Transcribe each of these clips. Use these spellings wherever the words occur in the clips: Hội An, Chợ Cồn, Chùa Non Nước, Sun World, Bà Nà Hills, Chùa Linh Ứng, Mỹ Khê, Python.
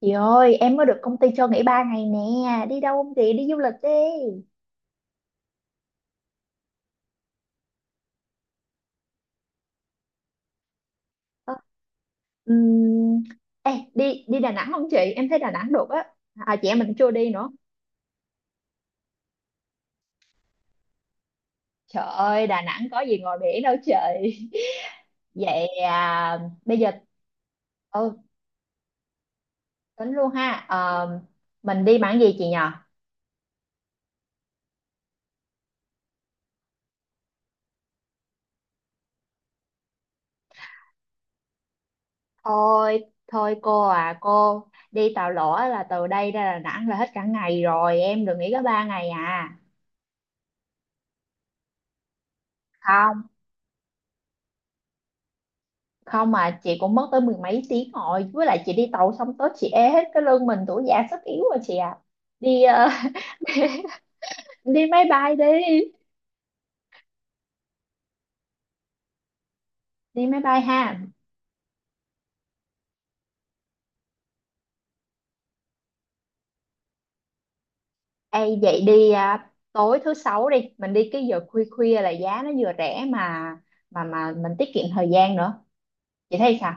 Chị ơi, em mới được công ty cho nghỉ 3 ngày nè, đi đâu không chị? Đi du lịch đi. Ờ, ừm, ê, đi đi Đà Nẵng không chị? Em thấy Đà Nẵng được á. À, chị em mình chưa đi nữa. Trời ơi, Đà Nẵng có gì ngồi biển đâu chị. Vậy à, bây giờ ừ, tính luôn ha. Ờ, mình đi bằng gì chị nhờ? Thôi, thôi cô à, cô đi tàu lỗ là từ đây ra Đà Nẵng là hết cả ngày rồi, em đừng nghỉ có 3 ngày à. Không, mà chị cũng mất tới mười mấy tiếng rồi, với lại chị đi tàu xong tới chị ê hết cái lưng, mình tuổi già sức yếu rồi chị à. Đi đi máy bay đi. Đi máy bay ha? Ê vậy đi à, tối thứ sáu đi mình đi cái giờ khuya khuya là giá nó vừa rẻ mà mình tiết kiệm thời gian nữa. Chị thấy sao?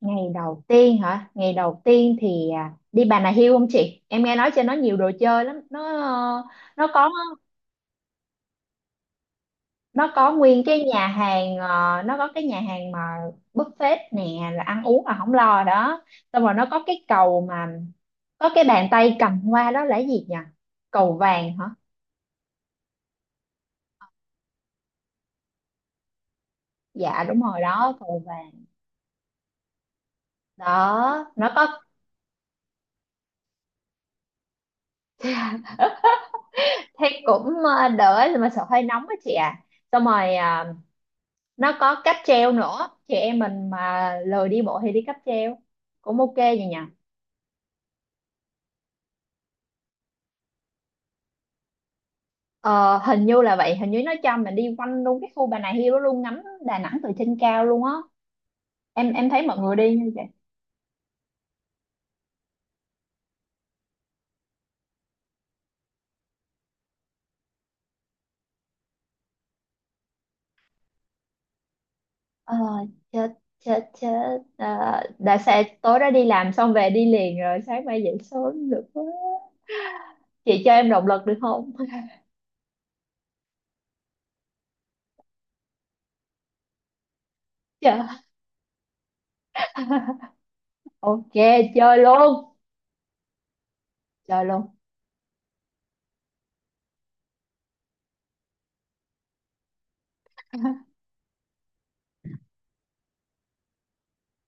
Ngày đầu tiên hả? Ngày đầu tiên thì đi Bà Nà Hills không chị? Em nghe nói trên nó nhiều đồ chơi lắm. Nó nó có nó có nguyên cái nhà hàng, nó có cái nhà hàng mà buffet nè, là ăn uống là không lo đó. Xong rồi nó có cái cầu mà có cái bàn tay cầm hoa đó là cái gì nhỉ? Cầu vàng hả? Dạ đúng rồi đó, cầu vàng. Đó nó có. Thế cũng đỡ, mà sợ hơi nóng á chị à. Xong rồi nó có cáp treo nữa, chị em mình mà lười đi bộ thì đi cáp treo cũng ok vậy nhỉ? Ờ, hình như là vậy, hình như nó cho mình đi quanh luôn cái khu Bà Nà Hills đó luôn, ngắm Đà Nẵng từ trên cao luôn á. Em thấy mọi người đi như vậy. ờ, Chết chết chết. Ờ, đã sẽ tối đó đi làm xong về đi liền rồi sáng mai dậy sớm được quá. Chị cho em động lực được không? Trời. Ok, chơi luôn. Chơi luôn.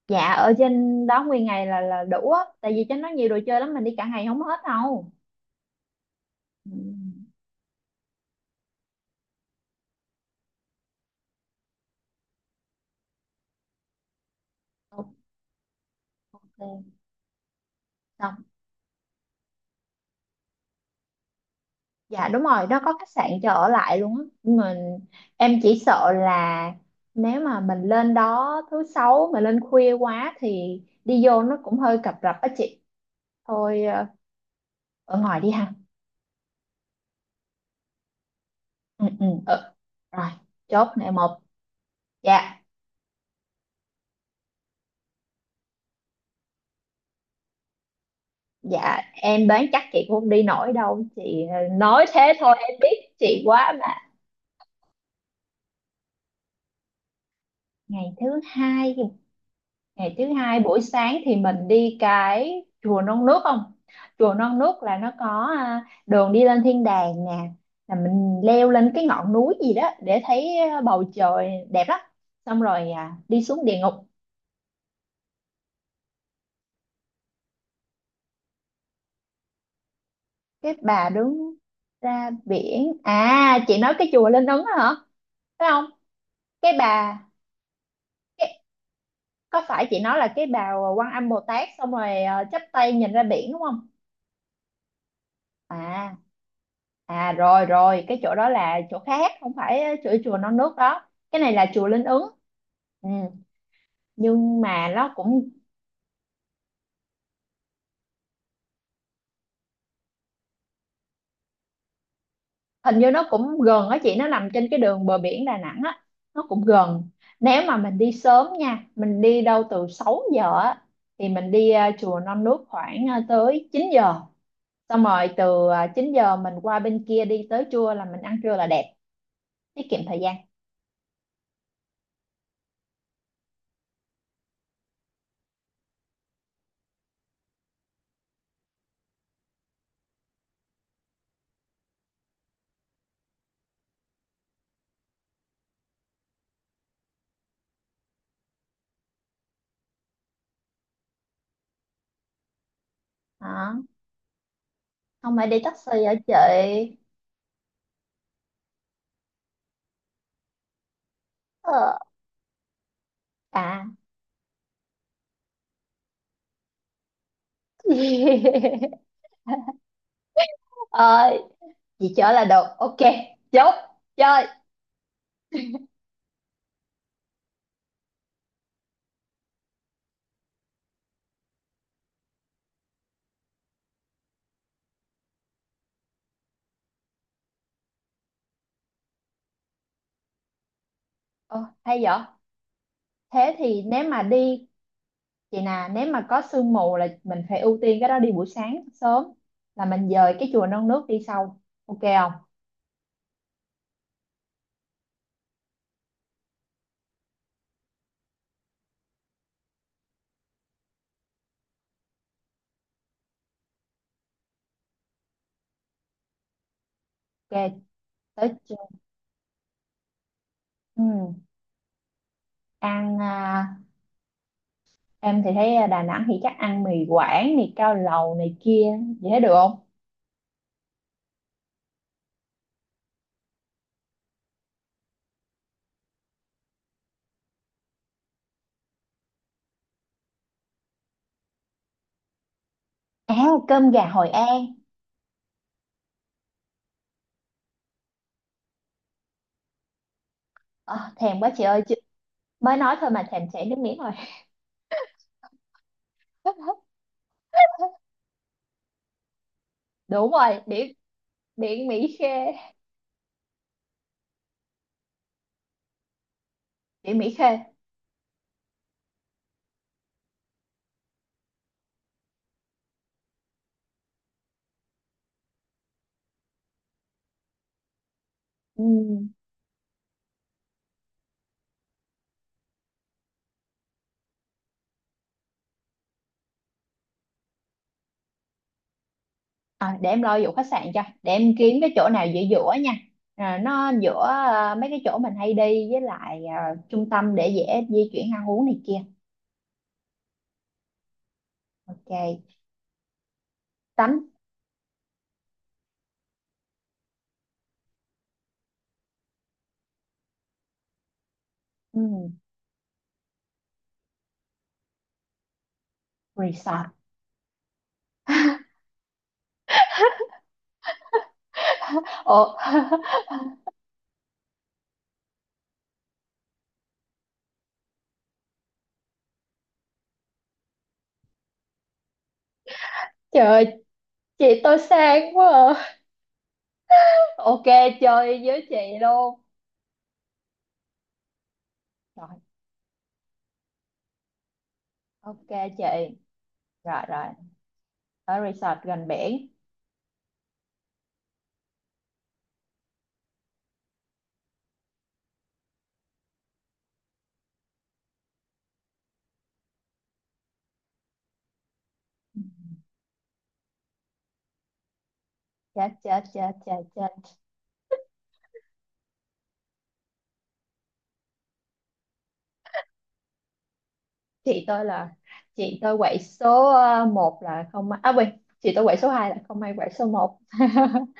Dạ ở trên đó nguyên ngày là đủ á, tại vì trên đó nhiều đồ chơi lắm, mình đi cả ngày không hết đâu. Ừ, ok. Dạ đúng rồi, nó có khách sạn cho ở lại luôn á. Nhưng mà em chỉ sợ là nếu mà mình lên đó thứ sáu mà lên khuya quá thì đi vô nó cũng hơi cập rập á chị. Thôi ở ngoài đi ha. Ừ, ừ, ừ. Rồi, chốt này một. Dạ, dạ em đoán chắc chị cũng không đi nổi đâu. Chị nói thế thôi em biết chị quá mà. Ngày thứ hai, ngày thứ hai buổi sáng thì mình đi cái chùa Non Nước không? Chùa Non Nước là nó có đường đi lên thiên đàng nè, là mình leo lên cái ngọn núi gì đó để thấy bầu trời đẹp lắm, xong rồi đi xuống địa ngục. Cái bà đứng ra biển à, chị nói cái chùa Linh Ứng đó hả, phải không? Cái bà cái, có phải chị nói là cái bà Quan Âm Bồ Tát xong rồi chắp tay nhìn ra biển đúng không? À, à rồi rồi, cái chỗ đó là chỗ khác, không phải chùa chùa Non Nước đó, cái này là chùa Linh Ứng. Ừ. Nhưng mà nó cũng, hình như nó cũng gần á chị, nó nằm trên cái đường bờ biển Đà Nẵng á. Nó cũng gần. Nếu mà mình đi sớm nha, mình đi đâu từ 6 giờ á, thì mình đi chùa Non Nước khoảng tới 9 giờ, xong rồi từ 9 giờ mình qua bên kia đi tới chùa là mình ăn trưa là đẹp. Tiết kiệm thời gian. Đó không phải đi taxi ở chị. Ờ. À. Ờ, chị chở là được, ok. Chốt. Chơi. Ồ, hay vậy. Thế thì nếu mà đi, chị nè, nếu mà có sương mù là mình phải ưu tiên cái đó, đi buổi sáng sớm, là mình dời cái chùa non nước đi sau, ok không? Ok. Tới chùa. Ừ. Ăn em thì thấy Đà Nẵng thì chắc ăn mì Quảng, mì cao lầu này kia. Chị thấy được không? À, cơm gà Hội An. Ờ, thèm quá chị ơi chị, mới nói thôi mà thèm chảy nước miếng rồi. Đúng rồi, biển. Biển Mỹ Khê. Địa Mỹ Khê. Ừm, để em lo vụ khách sạn cho, để em kiếm cái chỗ nào giữa giữa nha. À, nó giữa mấy cái chỗ mình hay đi với lại trung tâm để dễ di chuyển, ăn uống này kia. Ok. Tắm. Ừm, resort. Ồ. Trời ơi, chị tôi sang quá à. Ok, chơi với chị luôn. Rồi ok chị, rồi rồi, ở resort gần biển. Chết chết chết chết chết. Chị tôi là, chị tôi quậy số một là không may, à quên, chị tôi quậy số 2 là không may, quậy số một.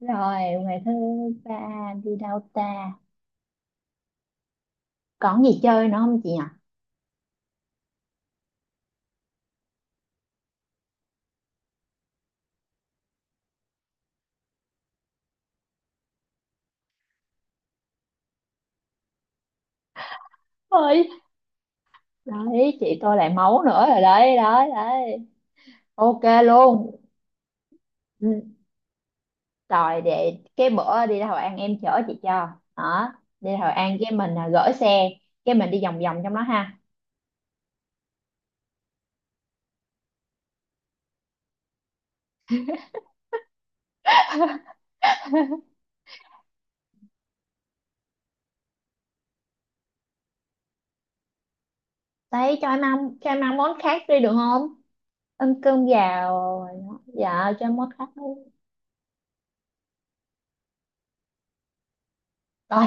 Rồi. Ngày thứ ba đi đâu ta? Còn gì chơi nữa không chị nhỉ? Ơi. Đấy, chị tôi lại máu nữa rồi, đấy đấy đấy. Ok luôn. Ừ, rồi để cái bữa đi ra Hội An em chở chị cho. Đó. Đi ra Hội An cái mình gửi xe, cái mình đi vòng vòng trong đó ha. Đấy cho em ăn, cho em ăn món khác đi được không? Ăn cơm gạo. Rồi, dạ cho em món khác luôn. Rồi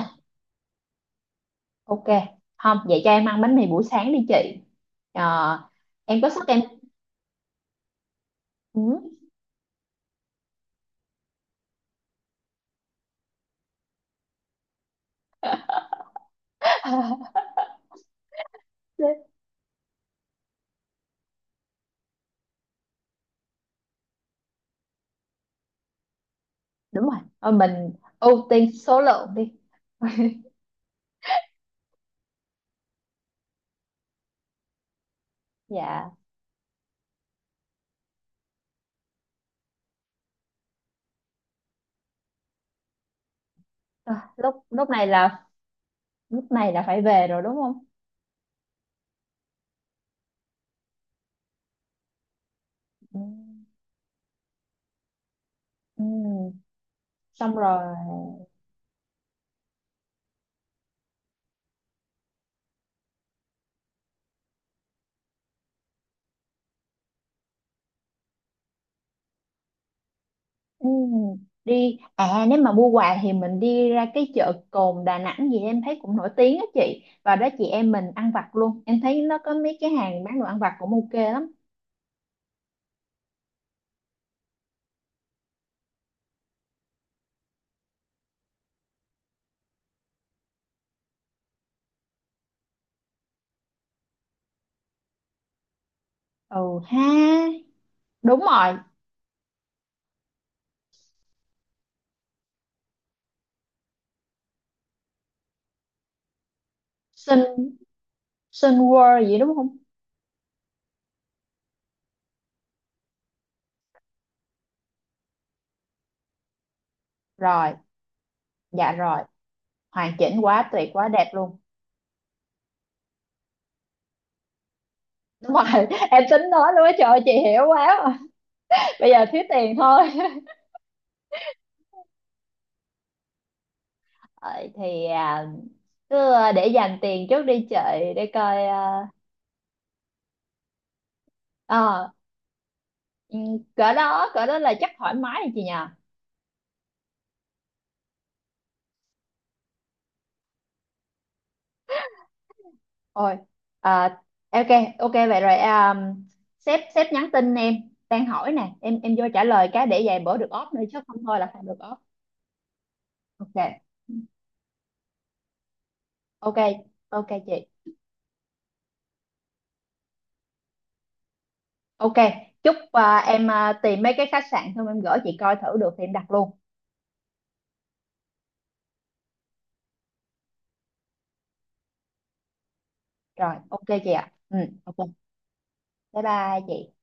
ok không, vậy cho em ăn bánh mì buổi sáng đi chị. Ờ, em có sức em. Ừ. Đúng rồi. Ờ, mình ưu tiên số lượng đi. Dạ. Rồi, lúc lúc này là, lúc này là phải về rồi đúng không? Ừ. Ừ. Xong rồi. Ừ, đi à, nếu mà mua quà thì mình đi ra cái chợ Cồn Đà Nẵng gì em thấy cũng nổi tiếng á chị, và đó chị em mình ăn vặt luôn, em thấy nó có mấy cái hàng bán đồ ăn vặt cũng ok lắm. Ừ. Ha. Đúng rồi. Sun, Sun World gì đúng không? Rồi. Dạ rồi. Hoàn chỉnh quá, tuyệt quá, đẹp luôn. Đúng rồi. Em tính nói luôn á, trời ơi, chị hiểu quá mà. Bây giờ thiếu tiền thôi. Ờ, thì cứ để dành tiền trước đi chợ, để coi ờ, Ừ, cỡ đó, cỡ đó là chắc thoải mái rồi chị nhờ. Ôi. à, ok. Ok vậy rồi, sếp sếp nhắn tin em đang hỏi nè, em vô trả lời cái để vài bữa được off nữa chứ không thôi là không được off. Ok ok. Ok chị. Ok, chúc em tìm mấy cái khách sạn xong em gửi chị coi thử được thì em đặt luôn. Rồi ok chị ạ, ừ. Ok, bye bye chị.